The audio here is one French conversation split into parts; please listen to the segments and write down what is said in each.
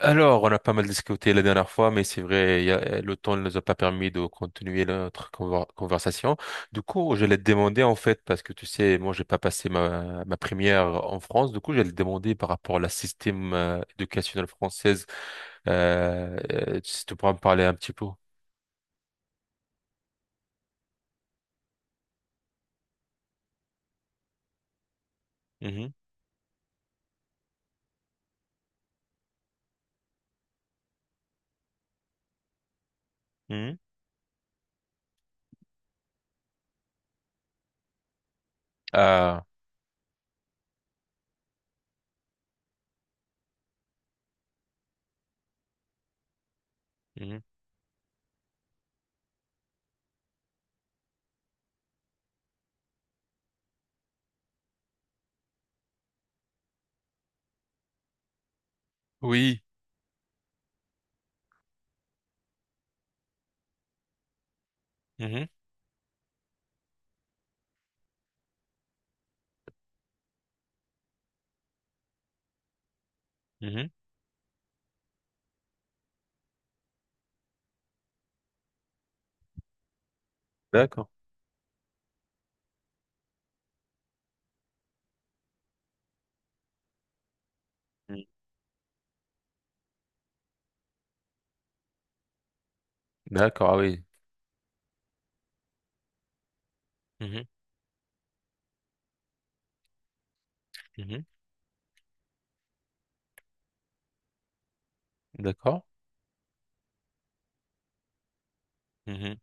Alors, on a pas mal discuté la dernière fois, mais c'est vrai, le temps ne nous a pas permis de continuer notre conversation. Du coup, je l'ai demandé en fait, parce que tu sais, moi, j'ai pas passé ma première en France. Du coup, je l'ai demandé par rapport à la système éducationnelle française. Si tu pourras me parler un petit peu. Mhm, mhm. Ah, mhm. Oui. Mhm, mhm. D'accord. Mhm. D'accord, ah oui. Mhm, mhm. D'accord. Mhm,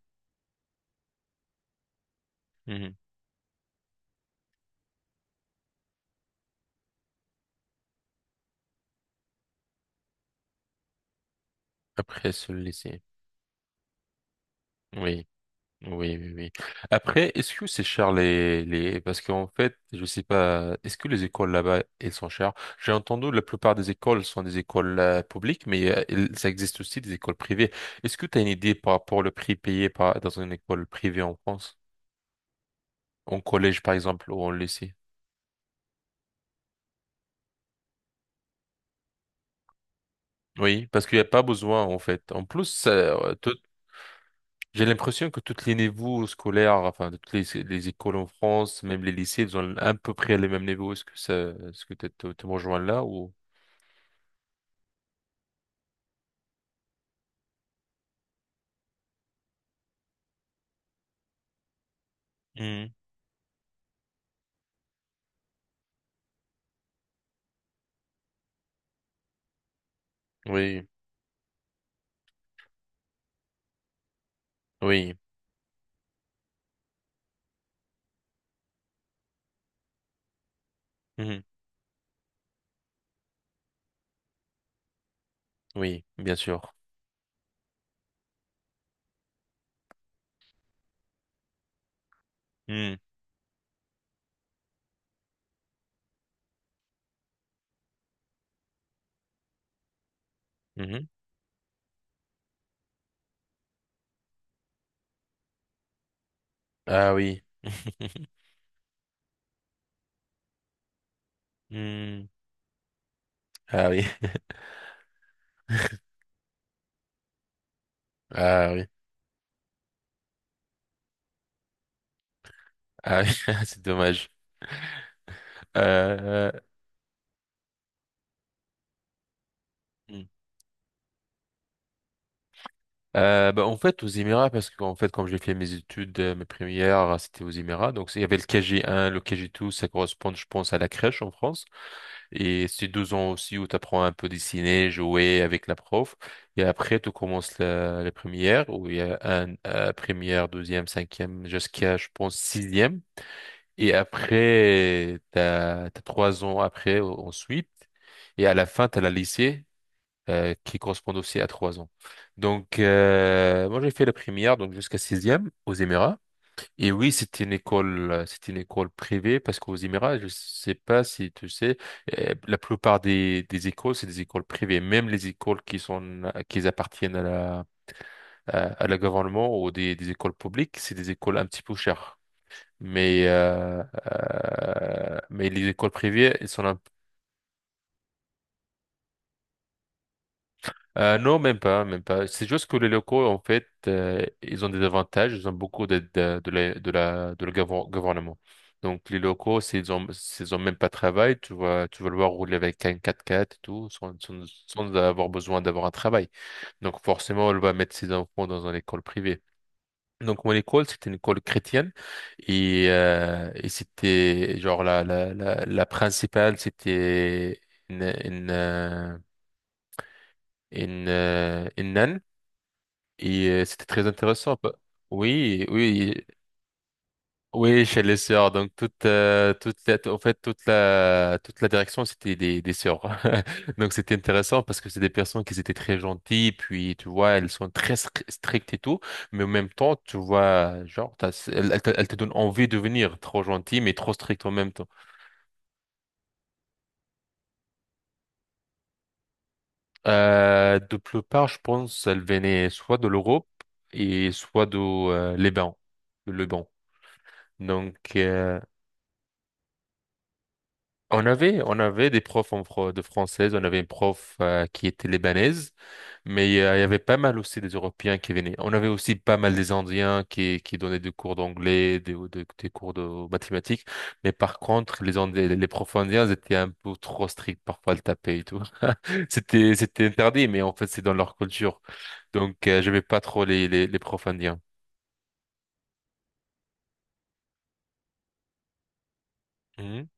mhm. Après, se laisser. Oui. Oui, oui, oui. Après, est-ce que c'est cher les... Parce qu'en fait, je sais pas, est-ce que les écoles là-bas, elles sont chères? J'ai entendu la plupart des écoles sont des écoles publiques, mais ça existe aussi des écoles privées. Est-ce que tu as une idée par rapport au prix payé par... dans une école privée en France? En collège, par exemple, ou en lycée? Oui, parce qu'il n'y a pas besoin, en fait. En plus, ça, j'ai l'impression que tous les niveaux scolaires, enfin, de toutes les écoles en France, même les lycées, ils ont à peu près les mêmes niveaux. Est-ce que ça, est-ce que tu te, te me rejoins là ou? Mhm. Oui, oui, mhm. Oui, bien sûr. Mhm. Mhm. Ah oui. Mhm. Ah oui. Ah oui. Ah oui. C'est dommage. Euh, Mhm. En fait, aux Émirats, parce qu'en fait, quand j'ai fait mes études, mes premières, c'était aux Émirats. Donc, il y avait le KG1, le KG2, ça correspond, je pense, à la crèche en France. Et c'est deux ans aussi où tu apprends un peu dessiner, jouer avec la prof. Et après, tu commences la première, où il y a première, deuxième, cinquième, jusqu'à, je pense, sixième. Et après, t'as trois ans après, ensuite. Et à la fin, t'as la lycée, qui correspond aussi à trois ans. Donc, moi, j'ai fait la première, donc jusqu'à sixième, aux Émirats. Et oui, c'était une école privée parce qu'aux Émirats, je sais pas si tu sais, la plupart des écoles, c'est des écoles privées. Même les écoles qui sont, qui appartiennent à la gouvernement ou des écoles publiques, c'est des écoles un petit peu chères. Mais, euh, mais les écoles privées, elles sont un non, même pas, même pas. C'est juste que les locaux, en fait, ils ont des avantages, ils ont beaucoup d'aide de le gouvernement. Donc, les locaux, s'ils ont même pas de travail, tu vas le voir rouler avec un quatre quatre et tout, sans avoir besoin d'avoir un travail. Donc, forcément, elle va mettre ses enfants dans une école privée. Donc, mon école, c'était une école chrétienne et c'était, genre, la principale, c'était une, une, euh, une, et c'était très intéressant. Pa- Oui, oui, oui, chez les sœurs. Donc toute, toute la, en fait, toute la direction, c'était des sœurs. Donc c'était intéressant parce que c'est des personnes qui étaient très gentilles. Puis tu vois, elles sont très strictes et tout, mais en même temps, tu vois, genre, elles te donnent envie de venir, trop gentilles mais trop strictes en même temps. De plus part, je pense, elles venaient soit de l'Europe et soit de Liban, le Liban. Donc on avait, on avait des profs en de française, on avait une prof qui était libanaise, mais il y avait pas mal aussi des Européens qui venaient. On avait aussi pas mal des Indiens qui donnaient des cours d'anglais, des cours de mathématiques, mais par contre, les profs indiens ils étaient un peu trop stricts, parfois le taper et tout. C'était interdit, mais en fait, c'est dans leur culture. Donc, je n'aimais pas trop les profs indiens. Mhm,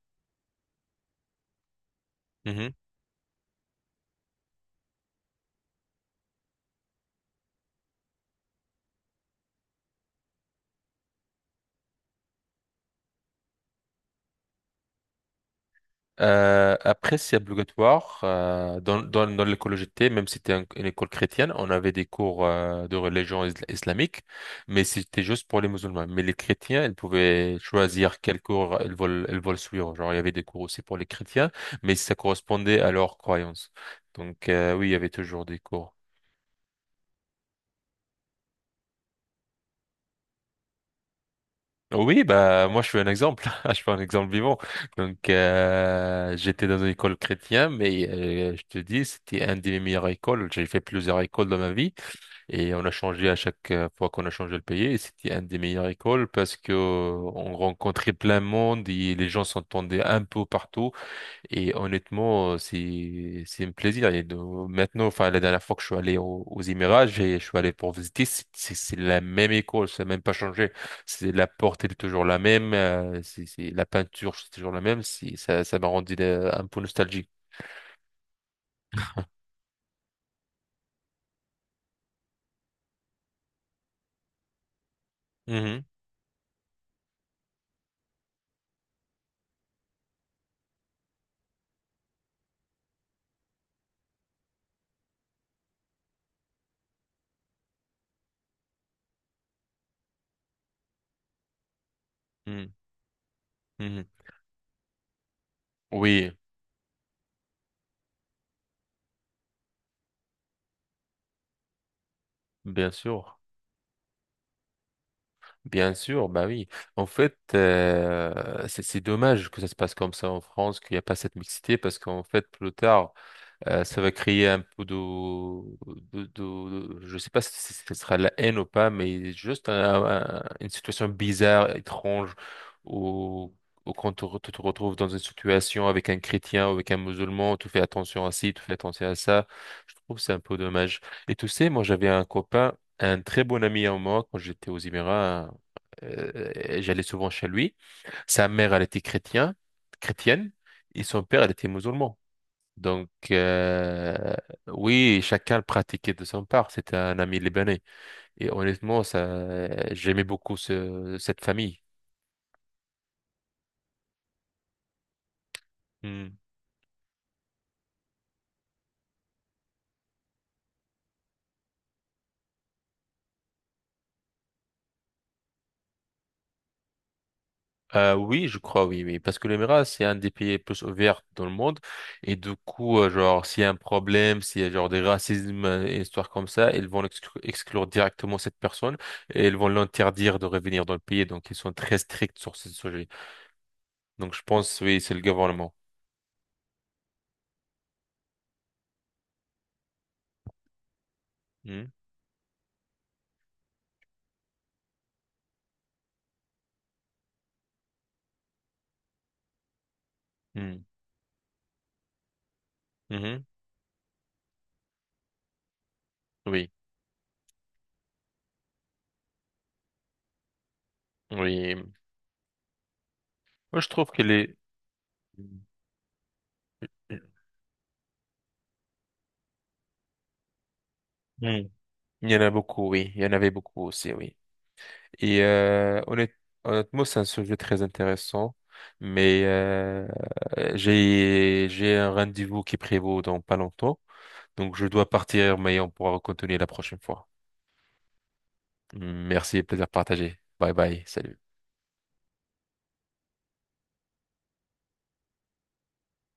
mhm. Après, c'est obligatoire dans l'école où j'étais, même si c'était une école chrétienne, on avait des cours de religion islamique, mais c'était juste pour les musulmans. Mais les chrétiens, ils pouvaient choisir quel cours ils veulent suivre. Genre, il y avait des cours aussi pour les chrétiens, mais ça correspondait à leurs croyances. Donc, oui, il y avait toujours des cours. Oui, bah moi je suis un exemple, je suis un exemple vivant. Donc j'étais dans une école chrétienne, mais je te dis c'était un des meilleures écoles. J'ai fait plusieurs écoles dans ma vie et on a changé à chaque fois qu'on a changé le pays. Et c'était un des meilleures écoles parce que on rencontrait plein de monde et les gens s'entendaient un peu partout. Et honnêtement, c'est un plaisir. Et de- maintenant, enfin, la dernière fois que je suis allé aux Émirats, je suis allé pour visiter, c'est la même école, ça n'a même pas changé. C'est la porte, elle est toujours la même, c'est la peinture, c'est toujours la même. Ça m'a rendu un peu nostalgique. Mhm, mhm, mhm. Oui, bien sûr. Bien sûr, bah oui. En fait, c'est dommage que ça se passe comme ça en France, qu'il n'y a pas cette mixité, parce qu'en fait, plus tard, ça va créer un peu de... je sais pas si ce sera la haine ou pas, mais juste une situation bizarre, étrange, où, où quand tu te retrouves dans une situation avec un chrétien ou avec un musulman, tu fais attention à ci, tu fais attention à ça. Je trouve que c'est un peu dommage. Et tu sais, moi j'avais un copain, un très bon ami à moi quand j'étais aux Émirats, et j'allais souvent chez lui. Sa mère, elle était chrétien, chrétienne, et son père, elle était musulman. Donc, oui, chacun le pratiquait de son part. C'était un ami libanais. Et honnêtement, ça, j'aimais beaucoup cette famille. Hmm. Oui, je crois, oui, oui. Parce que l'Émirat, c'est un des pays les plus ouverts dans le monde. Et du coup, genre, s'il y a un problème, s'il y a genre des racismes, et histoire comme ça, ils vont exclure directement cette personne et ils vont l'interdire de revenir dans le pays. Donc, ils sont très stricts sur ce sujet. Donc, je pense, oui, c'est le gouvernement. Hmm. Hmm. Mhm. Oui. Oui, moi, je trouve que les... Mm. Il y en a beaucoup, oui. Il y en avait beaucoup aussi, oui. Et honnêtement, c'est un sujet très intéressant, mais j'ai un rendez-vous qui prévaut dans pas longtemps, donc je dois partir, mais on pourra continuer la prochaine fois. Merci, plaisir partagé. Bye bye, salut.